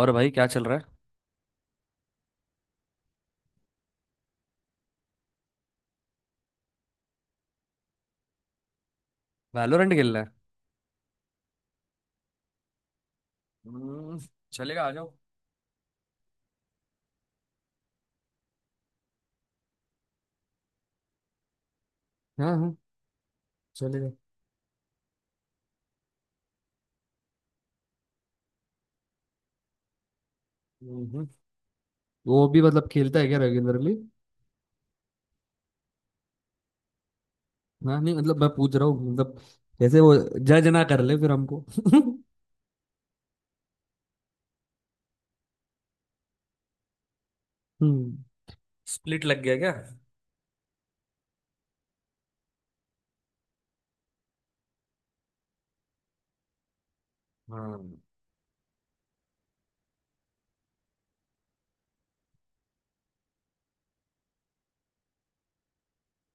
और भाई, क्या चल रहा है? वैलोरेंट खेलना है? हम्म, चलेगा, आ जाओ। हाँ, हाँ, चलेगा। हम्म। वो भी मतलब खेलता है क्या, रेगुलरली? हाँ, नहीं, मतलब मैं पूछ रहा हूँ, मतलब। जैसे वो जज ना कर ले फिर हमको। हम्म। स्प्लिट लग गया क्या? हाँ।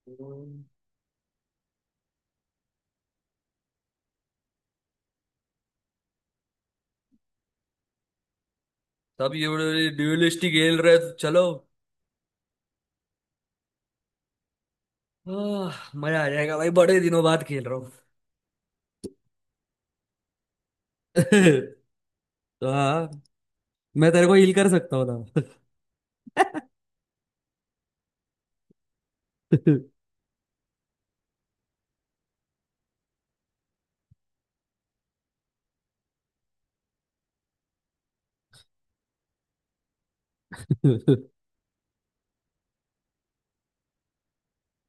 हम्म। तब ये बड़े ड्यूलिस्ट ही खेल रहे हैं, चलो। आह, मजा आ जाएगा भाई, बड़े दिनों बाद खेल रहा हूँ। तो हाँ, मैं तेरे को हील कर सकता हूँ ना?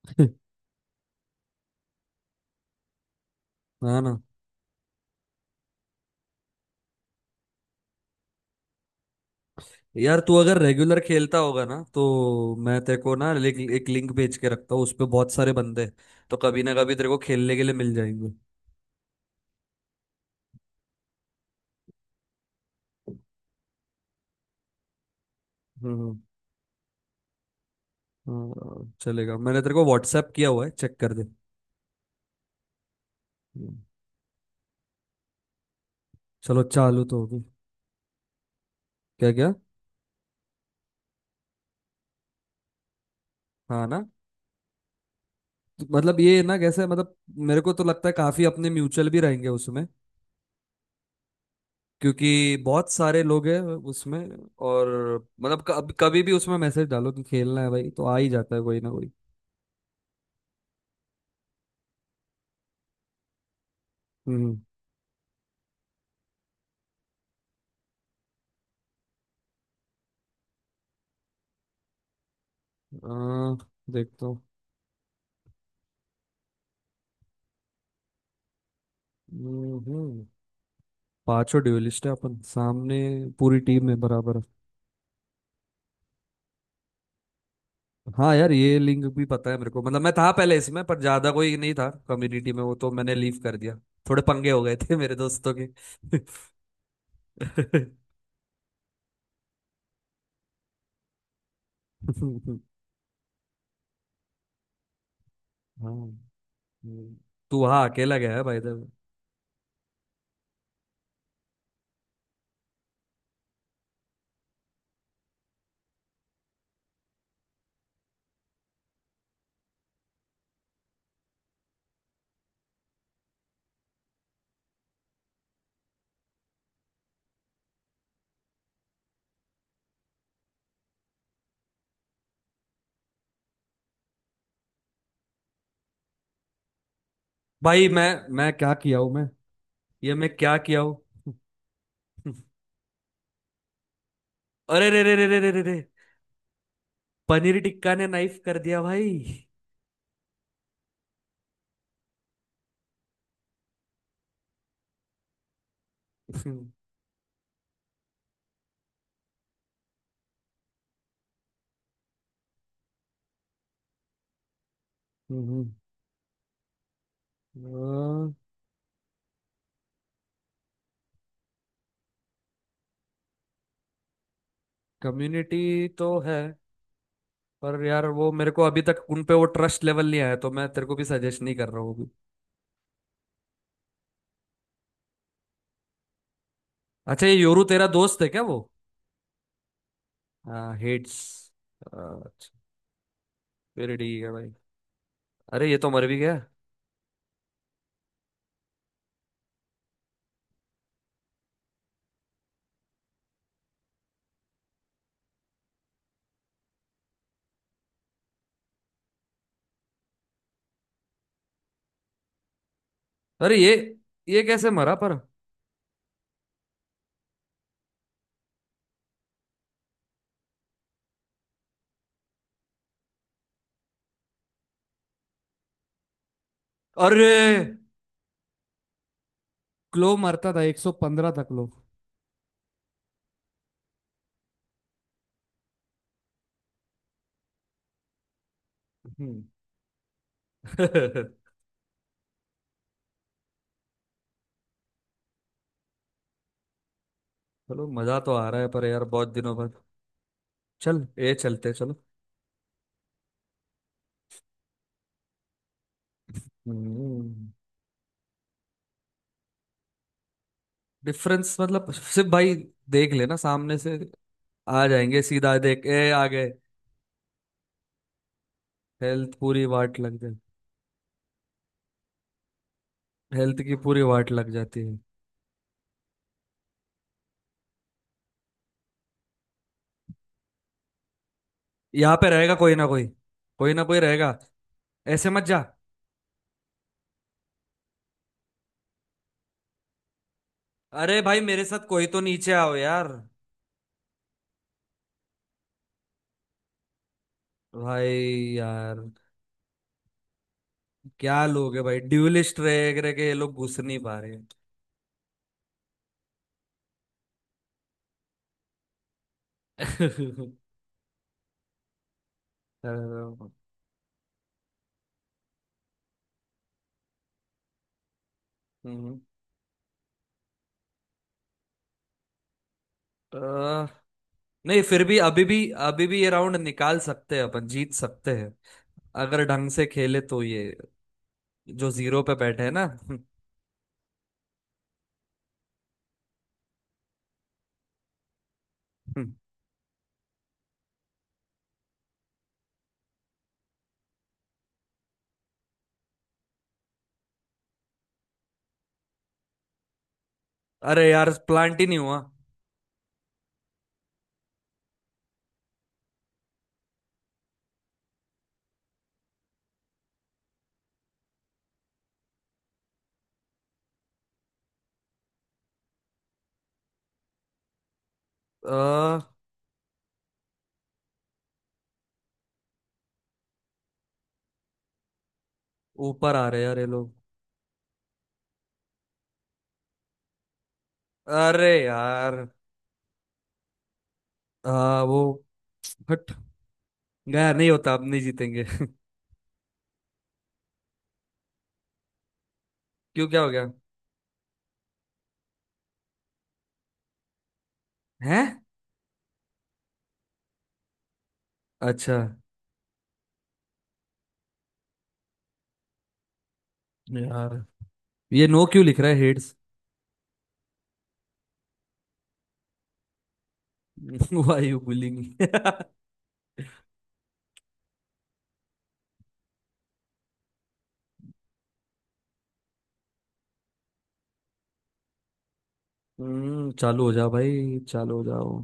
हाँ ना। यार, तू अगर रेगुलर खेलता होगा ना, तो मैं तेरे को ना एक लिंक भेज के रखता हूँ, उस पे बहुत सारे बंदे हैं। तो कभी ना कभी तेरे को खेलने के लिए मिल जाएंगे। हम्म, हाँ, चलेगा। मैंने तेरे को व्हाट्सएप किया हुआ है, चेक कर दे। हम्म। चलो, चालू तो होगी। क्या क्या? हाँ ना। तो मतलब ये ना कैसे, मतलब। मेरे को तो लगता है काफी अपने म्यूचुअल भी रहेंगे उसमें, क्योंकि बहुत सारे लोग हैं उसमें। और मतलब कब कभी भी उसमें मैसेज डालो कि खेलना है भाई, तो आ ही जाता है कोई ना कोई। हम्म। आ, देखता हूँ। हम्म। पांचों ड्यूलिस्ट है अपन सामने, पूरी टीम में बराबर। हाँ यार, ये लिंक भी पता है मेरे को, मतलब मैं था पहले इसमें पर ज्यादा कोई नहीं था कम्युनिटी में, वो तो मैंने लीव कर दिया। थोड़े पंगे हो गए थे मेरे दोस्तों के। हाँ। हम्म। तू हाँ अकेला गया है भाई इधर? भाई, मैं क्या किया हूँ मैं? ये मैं क्या किया हूँ? अरे रे रे रे रे रे रे रे! पनीर टिक्का ने नाइफ कर दिया भाई। हम्म। कम्युनिटी तो है, पर यार वो मेरे को अभी तक उन पे वो ट्रस्ट लेवल नहीं आया, तो मैं तेरे को भी सजेस्ट नहीं कर रहा हूँ अभी। अच्छा, ये योरू तेरा दोस्त है क्या वो? हाँ, हेड्स। अच्छा, फिर ठीक है भाई। अरे ये तो मर भी गया। अरे, ये कैसे मरा पर? अरे, क्लो मरता था, 115 था क्लो। हम्म। चलो। मजा तो आ रहा है, पर यार बहुत दिनों बाद। चल, ये चलते चलो। हम्म। डिफरेंस मतलब सिर्फ, भाई देख लेना सामने से आ जाएंगे सीधा, देख, ए आ गए। हेल्थ पूरी वाट लग। हेल्थ की पूरी वाट लग जाती है। यहाँ पे रहेगा कोई ना कोई, कोई ना कोई रहेगा। ऐसे मत जा। अरे भाई, मेरे साथ कोई तो नीचे आओ यार। भाई, यार, क्या लोग है भाई, ड्यूलिस्ट रह रह के ये लोग घुस नहीं पा रहे। अ, हम्म, अ, नहीं, फिर भी अभी भी ये राउंड निकाल सकते हैं, अपन जीत सकते हैं अगर ढंग से खेले तो, ये जो जीरो पे बैठे हैं ना। अरे यार, प्लांट ही नहीं हुआ। अ, ऊपर आ रहे हैं यार ये लोग। अरे यार, वो हट गया, नहीं होता, अब नहीं जीतेंगे। क्यों, क्या हो गया? हैं? अच्छा यार, ये नो क्यों लिख रहा है हेड्स? Y you bullying? हम्म, चालू हो जाओ भाई, चालू हो जाओ।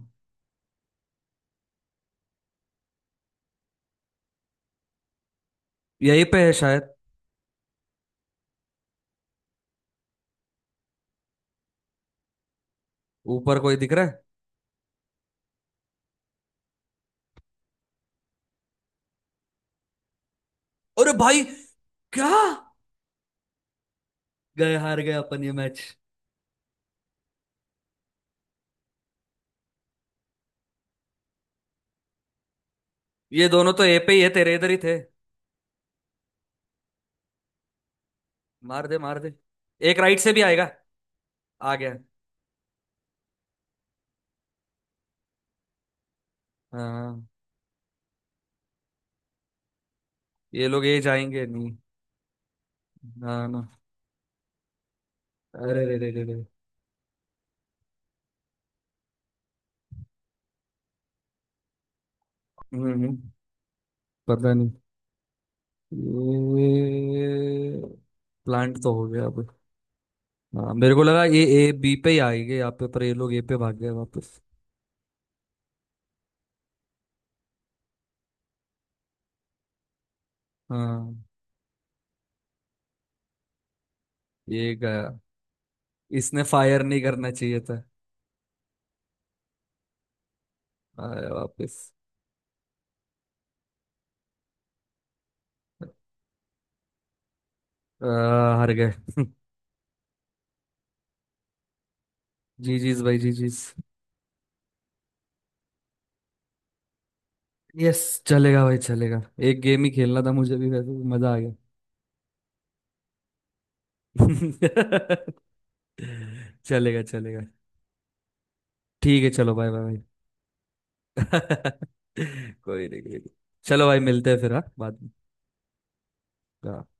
यहीं पे है शायद, ऊपर कोई दिख रहा है। अरे भाई, क्या गए, हार गए अपन ये मैच। ये दोनों तो ए पे ही है, तेरे इधर ही थे। मार दे, मार दे, एक राइट से भी आएगा। आ गया। हाँ, ये लोग ए जाएंगे नहीं। ना, ना। अरे रे रे रे रे! हम्म, पता नहीं। ये प्लांट तो हो गया अब। हाँ, मेरे को लगा ये ए बी पे ही आएंगे यहाँ पे, पर ये लोग ए पे भाग गए वापस। हाँ, ये गया। इसने फायर नहीं करना चाहिए था। आया वापस। आ, हार गए। जी जीज भाई, जी जीज। यस, चलेगा भाई, चलेगा। एक गेम ही खेलना था मुझे भी वैसे, मजा आ गया। चलेगा, चलेगा। ठीक है, चलो, बाय बाय भाई। कोई नहीं, कोई नहीं। चलो भाई, मिलते हैं फिर हाँ, बाद में। हाँ।